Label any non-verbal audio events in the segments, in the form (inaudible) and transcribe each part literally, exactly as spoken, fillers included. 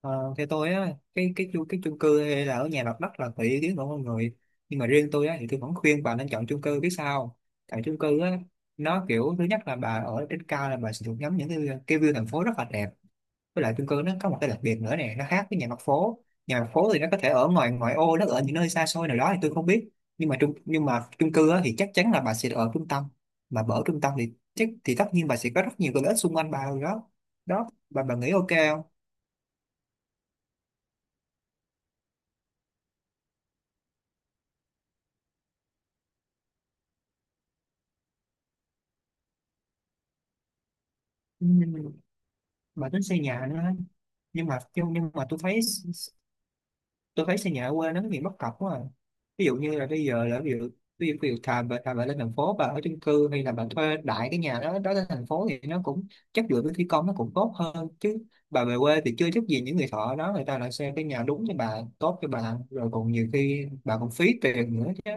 Ờ, theo tôi á cái cái chu cái chung cư hay là ở nhà mặt đất là tùy ý kiến của mọi người, nhưng mà riêng tôi á thì tôi vẫn khuyên bà nên chọn chung cư, biết sao không? Tại chung cư á, nó kiểu thứ nhất là bà ở trên cao là bà sẽ được ngắm những cái, cái view thành phố rất là đẹp. Với lại chung cư nó có một cái đặc biệt nữa nè, nó khác với nhà mặt phố. Nhà mặt phố thì nó có thể ở ngoài ngoại ô, nó ở những nơi xa xôi nào đó thì tôi không biết, nhưng mà chung nhưng mà chung cư á thì chắc chắn là bà sẽ ở trung tâm. Mà bà ở trung tâm thì chắc thì tất nhiên bà sẽ có rất nhiều cái lợi ích xung quanh bà rồi đó. Đó, bà bà nghĩ OK không? Ừ. Mà tính xây nhà nữa ấy. nhưng mà nhưng, nhưng mà tôi thấy tôi thấy xây nhà ở quê nó có nhiều bất cập quá à. Ví dụ như là bây giờ là ví dụ ví dụ, ví dụ thà bà, thà bà lên thành phố bà ở chung cư hay là bà thuê đại cái nhà đó đó lên thành phố thì nó cũng chất lượng, với thi công nó cũng tốt hơn chứ. Bà về quê thì chưa chắc gì những người thợ đó người ta lại xây cái nhà đúng cho bà, tốt cho bà, rồi còn nhiều khi bà còn phí tiền nữa chứ.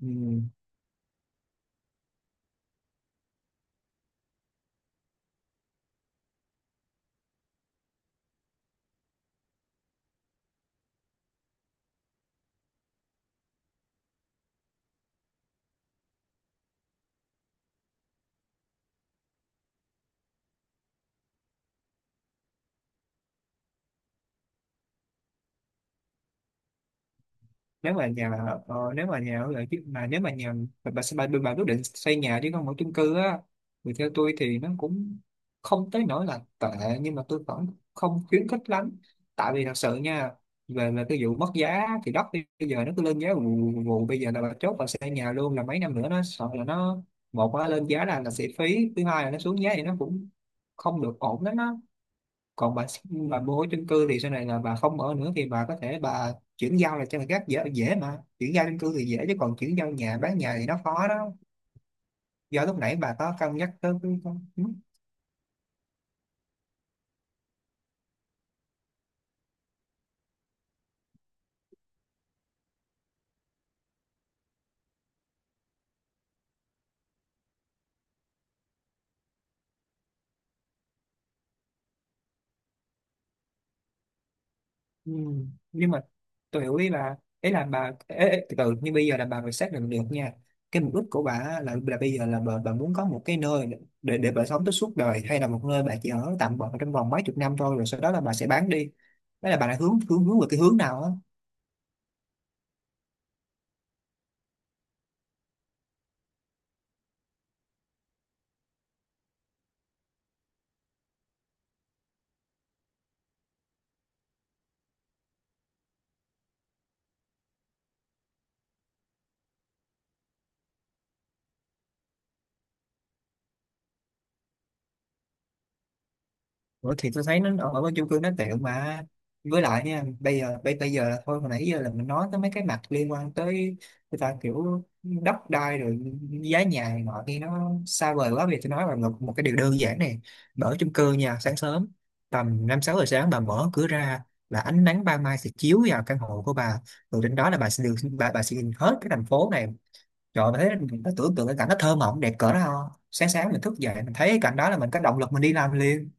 Ừ. nếu mà nhà ờ, nếu mà nhà ở lại chứ mà Nếu mà nhà bà bà, bà, bà quyết định xây nhà chứ không ở chung cư á thì theo tôi thì nó cũng không tới nỗi là tệ, nhưng mà tôi vẫn không khuyến khích lắm. Tại vì thật sự nha, về về cái vụ mất giá thì đất bây giờ nó cứ lên giá vù vù vù. Bây giờ là bà chốt bà xây nhà luôn là mấy năm nữa nó sợ là nó, một là lên giá là là sẽ phí, thứ hai là nó xuống giá thì nó cũng không được ổn lắm á. Còn bà bà bố chung cư thì sau này là bà không ở nữa thì bà có thể bà chuyển giao là cho người khác, dễ dễ mà chuyển giao chung cư thì dễ, chứ còn chuyển giao nhà, bán nhà thì nó khó đó. Do lúc nãy bà có cân nhắc tới cái con. Ừ. Ừ. Nhưng mà tôi hiểu, ý là ý là bà, ê, ê, từ từ, nhưng bây giờ là bà phải xác định được nha cái mục đích của bà á là, là bây giờ là bà, bà muốn có một cái nơi để để bà sống tới suốt đời hay là một nơi bà chỉ ở tạm bợ trong vòng mấy chục năm thôi rồi sau đó là bà sẽ bán đi. Đó là bà đã hướng hướng hướng về cái hướng nào á. Ủa thì tôi thấy nó ở bên chung cư nó tiện mà. Với lại nha, bây giờ bây, bây giờ là thôi, hồi nãy giờ là mình nói tới mấy cái mặt liên quan tới người ta kiểu đất đai rồi giá nhà này nọ thì nó xa vời quá, vì tôi nói là một, một cái điều đơn giản này. Bà ở chung cư nha, sáng sớm tầm năm sáu giờ sáng bà mở cửa ra là ánh nắng ban mai sẽ chiếu vào căn hộ của bà, rồi trên đó là bà sẽ được bà, bà sẽ nhìn hết cái thành phố này. Trời ơi, thấy mình nó tưởng tượng cái cảnh nó thơ mộng đẹp cỡ nào, sáng sáng mình thức dậy mình thấy cái cảnh đó là mình có động lực mình đi làm liền.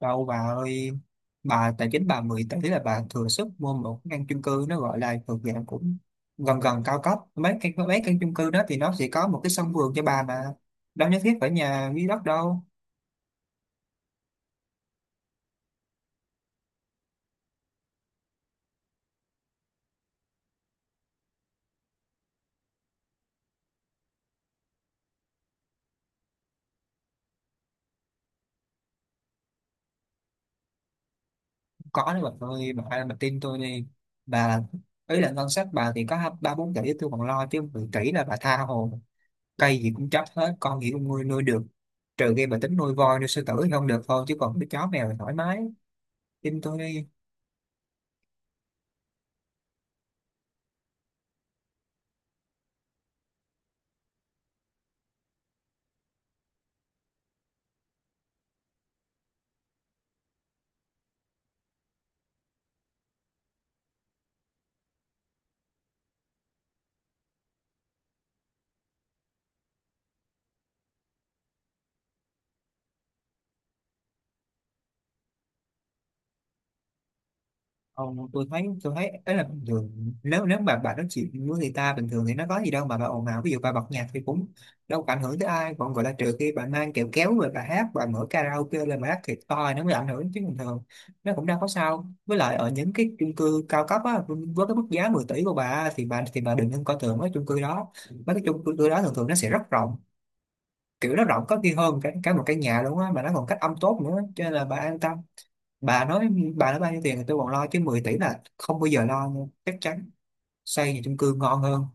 Đâu bà ơi, bà tài chính bà 10 tỷ là bà thừa sức mua một căn chung cư nó gọi là thuộc dạng cũng gần gần cao cấp. Mấy căn mấy căn chung cư đó thì nó sẽ có một cái sân vườn cho bà mà. Đâu nhất thiết phải nhà dưới đất đâu. Không có đấy bà ơi, bà, bà tin tôi đi. Bà, ý là ngân sách bà thì có hai- ba bốn tỷ tôi còn lo, chứ mười tỷ là bà tha hồ. Cây gì cũng trách hết, con gì cũng nuôi nuôi được. Trừ khi bà tính nuôi voi, nuôi sư tử thì không được thôi, chứ còn cái chó mèo thì thoải mái. Tin tôi đi. Ờ, tôi thấy tôi thấy ấy là bình thường, nếu nếu mà bà nói chuyện với người ta bình thường thì nó có gì đâu mà bà ồn ào, ví dụ bà bật nhạc thì cũng đâu có ảnh hưởng tới ai, còn gọi là trừ khi bà mang kẹo kéo rồi bà hát, bà mở karaoke lên bà hát thiệt to thì nó mới ảnh hưởng, chứ bình thường nó cũng đâu có sao. Với lại ở những cái chung cư cao cấp á, với cái mức giá mười tỷ của bà thì bà thì bà đừng nên coi thường mấy chung cư đó. Mấy cái chung cư đó thường thường nó sẽ rất rộng, kiểu nó rộng có khi hơn cả, cả một căn nhà luôn á, mà nó còn cách âm tốt nữa, cho nên là bà an tâm. Bà nói bà nói bao nhiêu tiền thì tôi còn lo chứ 10 tỷ là không bao giờ lo nha, chắc chắn xây nhà chung cư ngon hơn.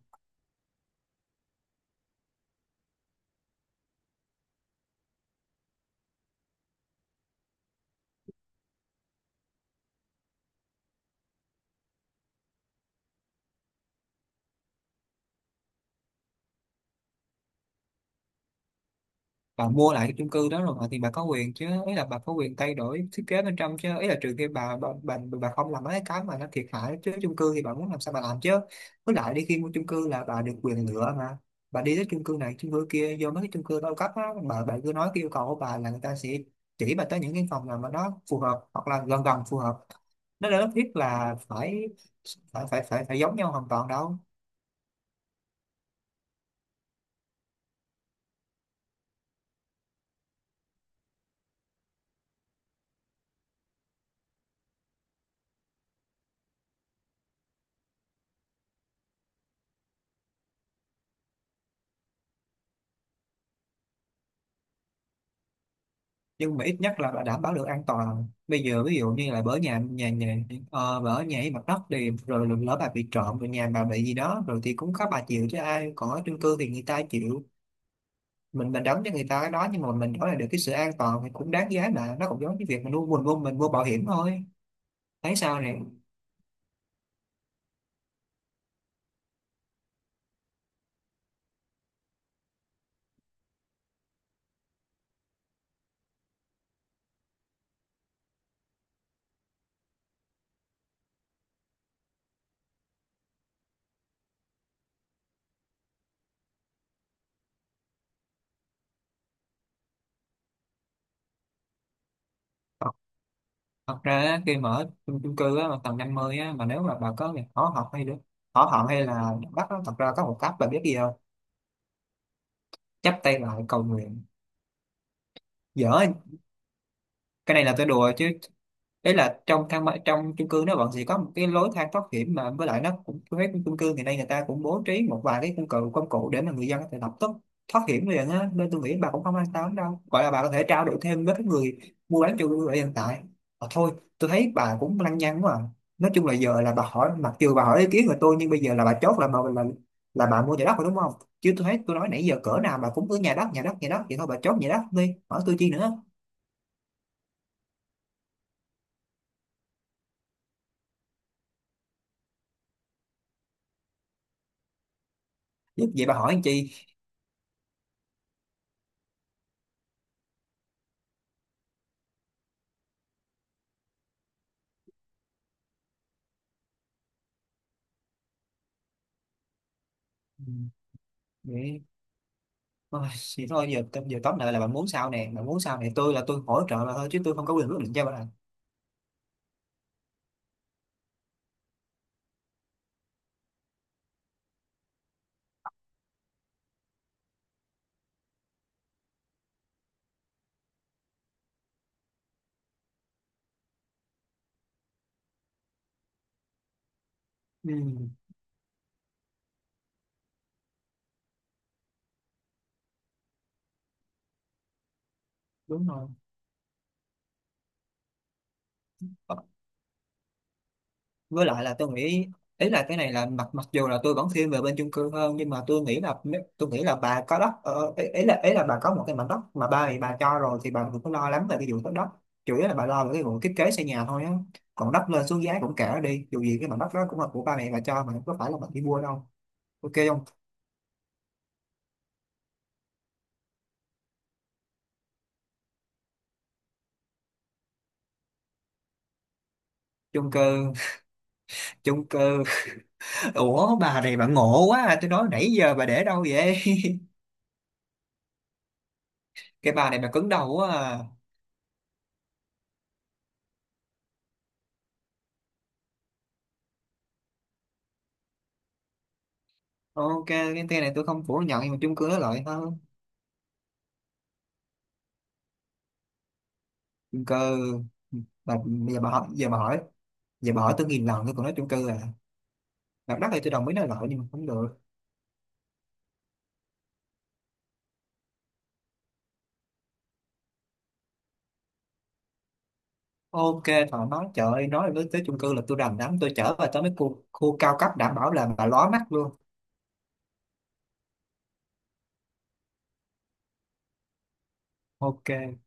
Bà mua lại cái chung cư đó rồi mà thì bà có quyền chứ, ý là bà có quyền thay đổi thiết kế bên trong chứ, ý là trừ khi bà bà, bà, bà không làm mấy cái mà nó thiệt hại, chứ chung cư thì bà muốn làm sao bà làm chứ. Với lại đi khi mua chung cư là bà được quyền lựa mà, bà đi tới chung cư này chung cư kia, vô mấy cái chung cư cao cấp á, bà bà cứ nói cái yêu cầu của bà là người ta sẽ chỉ bà tới những cái phòng nào mà nó phù hợp hoặc là gần gần phù hợp, nó đâu nhất thiết là phải phải phải phải phải giống nhau hoàn toàn đâu. Nhưng mà ít nhất là, là đảm bảo được an toàn. Bây giờ ví dụ như là bỡ nhà nhà nhà ờ, bà ở nhà ấy mặt đất thì rồi lỡ bà bị trộm rồi nhà bà bị gì đó rồi thì cũng có bà chịu chứ ai, còn ở chung cư thì người ta chịu. Mình mình đóng cho người ta cái đó, nhưng mà mình nói là được cái sự an toàn thì cũng đáng giá mà, nó cũng giống như việc mình mua mình mua mình mua bảo hiểm thôi. Thấy sao nè? Thật, thật ra á, khi mà ở chung, chung cư á, mà tầng năm mươi á, mà nếu mà bà có việc hỏ học hay được hỏ học hay là bắt á, thật ra có một cách bà biết gì không? Chắp tay lại cầu nguyện. Dở. Cái này là tôi đùa chứ, đấy là trong thang máy- trong chung cư nó vẫn sẽ có một cái lối thang thoát hiểm mà, với lại nó cũng, với cái chung cư thì nay người ta cũng bố trí một vài cái công cụ công cụ để mà người dân có thể lập tức thoát hiểm liền á, nên tôi nghĩ bà cũng không an tâm đâu, gọi là bà có thể trao đổi thêm với cái người mua bán chung cư ở hiện tại. Ờ, thôi, tôi thấy bà cũng lăng nhăng quá à. Nói chung là giờ là bà hỏi, mặc dù bà hỏi ý kiến của tôi nhưng bây giờ là bà chốt là bà là, là bà mua nhà đất rồi đúng không? Chứ tôi thấy tôi nói nãy giờ cỡ nào bà cũng cứ nhà đất, nhà đất, nhà đất vậy thôi, bà chốt nhà đất đi hỏi tôi chi nữa. Vậy bà hỏi anh chị. Ừ. Vậy. Ôi, thì thôi giờ giờ tóm lại là bạn muốn sao nè, bạn muốn sao nè, tôi là tôi hỗ trợ là thôi chứ tôi không có quyền quyết định cho bạn. Ừ, đúng rồi. Ờ, với lại là tôi nghĩ, ý là cái này là mặc mặc dù là tôi vẫn thiên về bên chung cư hơn, nhưng mà tôi nghĩ là nếu- tôi nghĩ là bà có đất, ờ, ý, ý là ý là bà có một cái mảnh đất mà ba thì bà cho rồi thì bà đừng có lo lắm về cái vụ đất đất, chủ yếu là bà lo về cái vụ thiết kế xây nhà thôi á. Còn đất lên xuống giá cũng kệ nó đi, dù gì cái mảnh đất đó cũng là của ba mẹ bà cho mà không có phải là bà đi mua đâu, OK không? Chung cư (laughs) chung cư. Ủa bà này bà ngộ quá à, tôi nói nãy giờ bà để đâu vậy? (laughs) Cái bà này bà cứng đầu quá à. OK cái tên này tôi không phủ nhận, nhưng mà chung cư nó lợi hơn. Chung cư. Bà, giờ bà hỏi Giờ bà hỏi Giờ bà hỏi tôi nghìn lần tôi còn nói chung cư à. Mặt đất thì tôi đồng ý nó lợi, nhưng mà không được. OK, thoải mái, trời ơi, nói đến tới chung cư là tôi đành lắm. Tôi chở bà tới mấy khu, khu cao cấp đảm bảo là bà lóa mắt luôn. OK.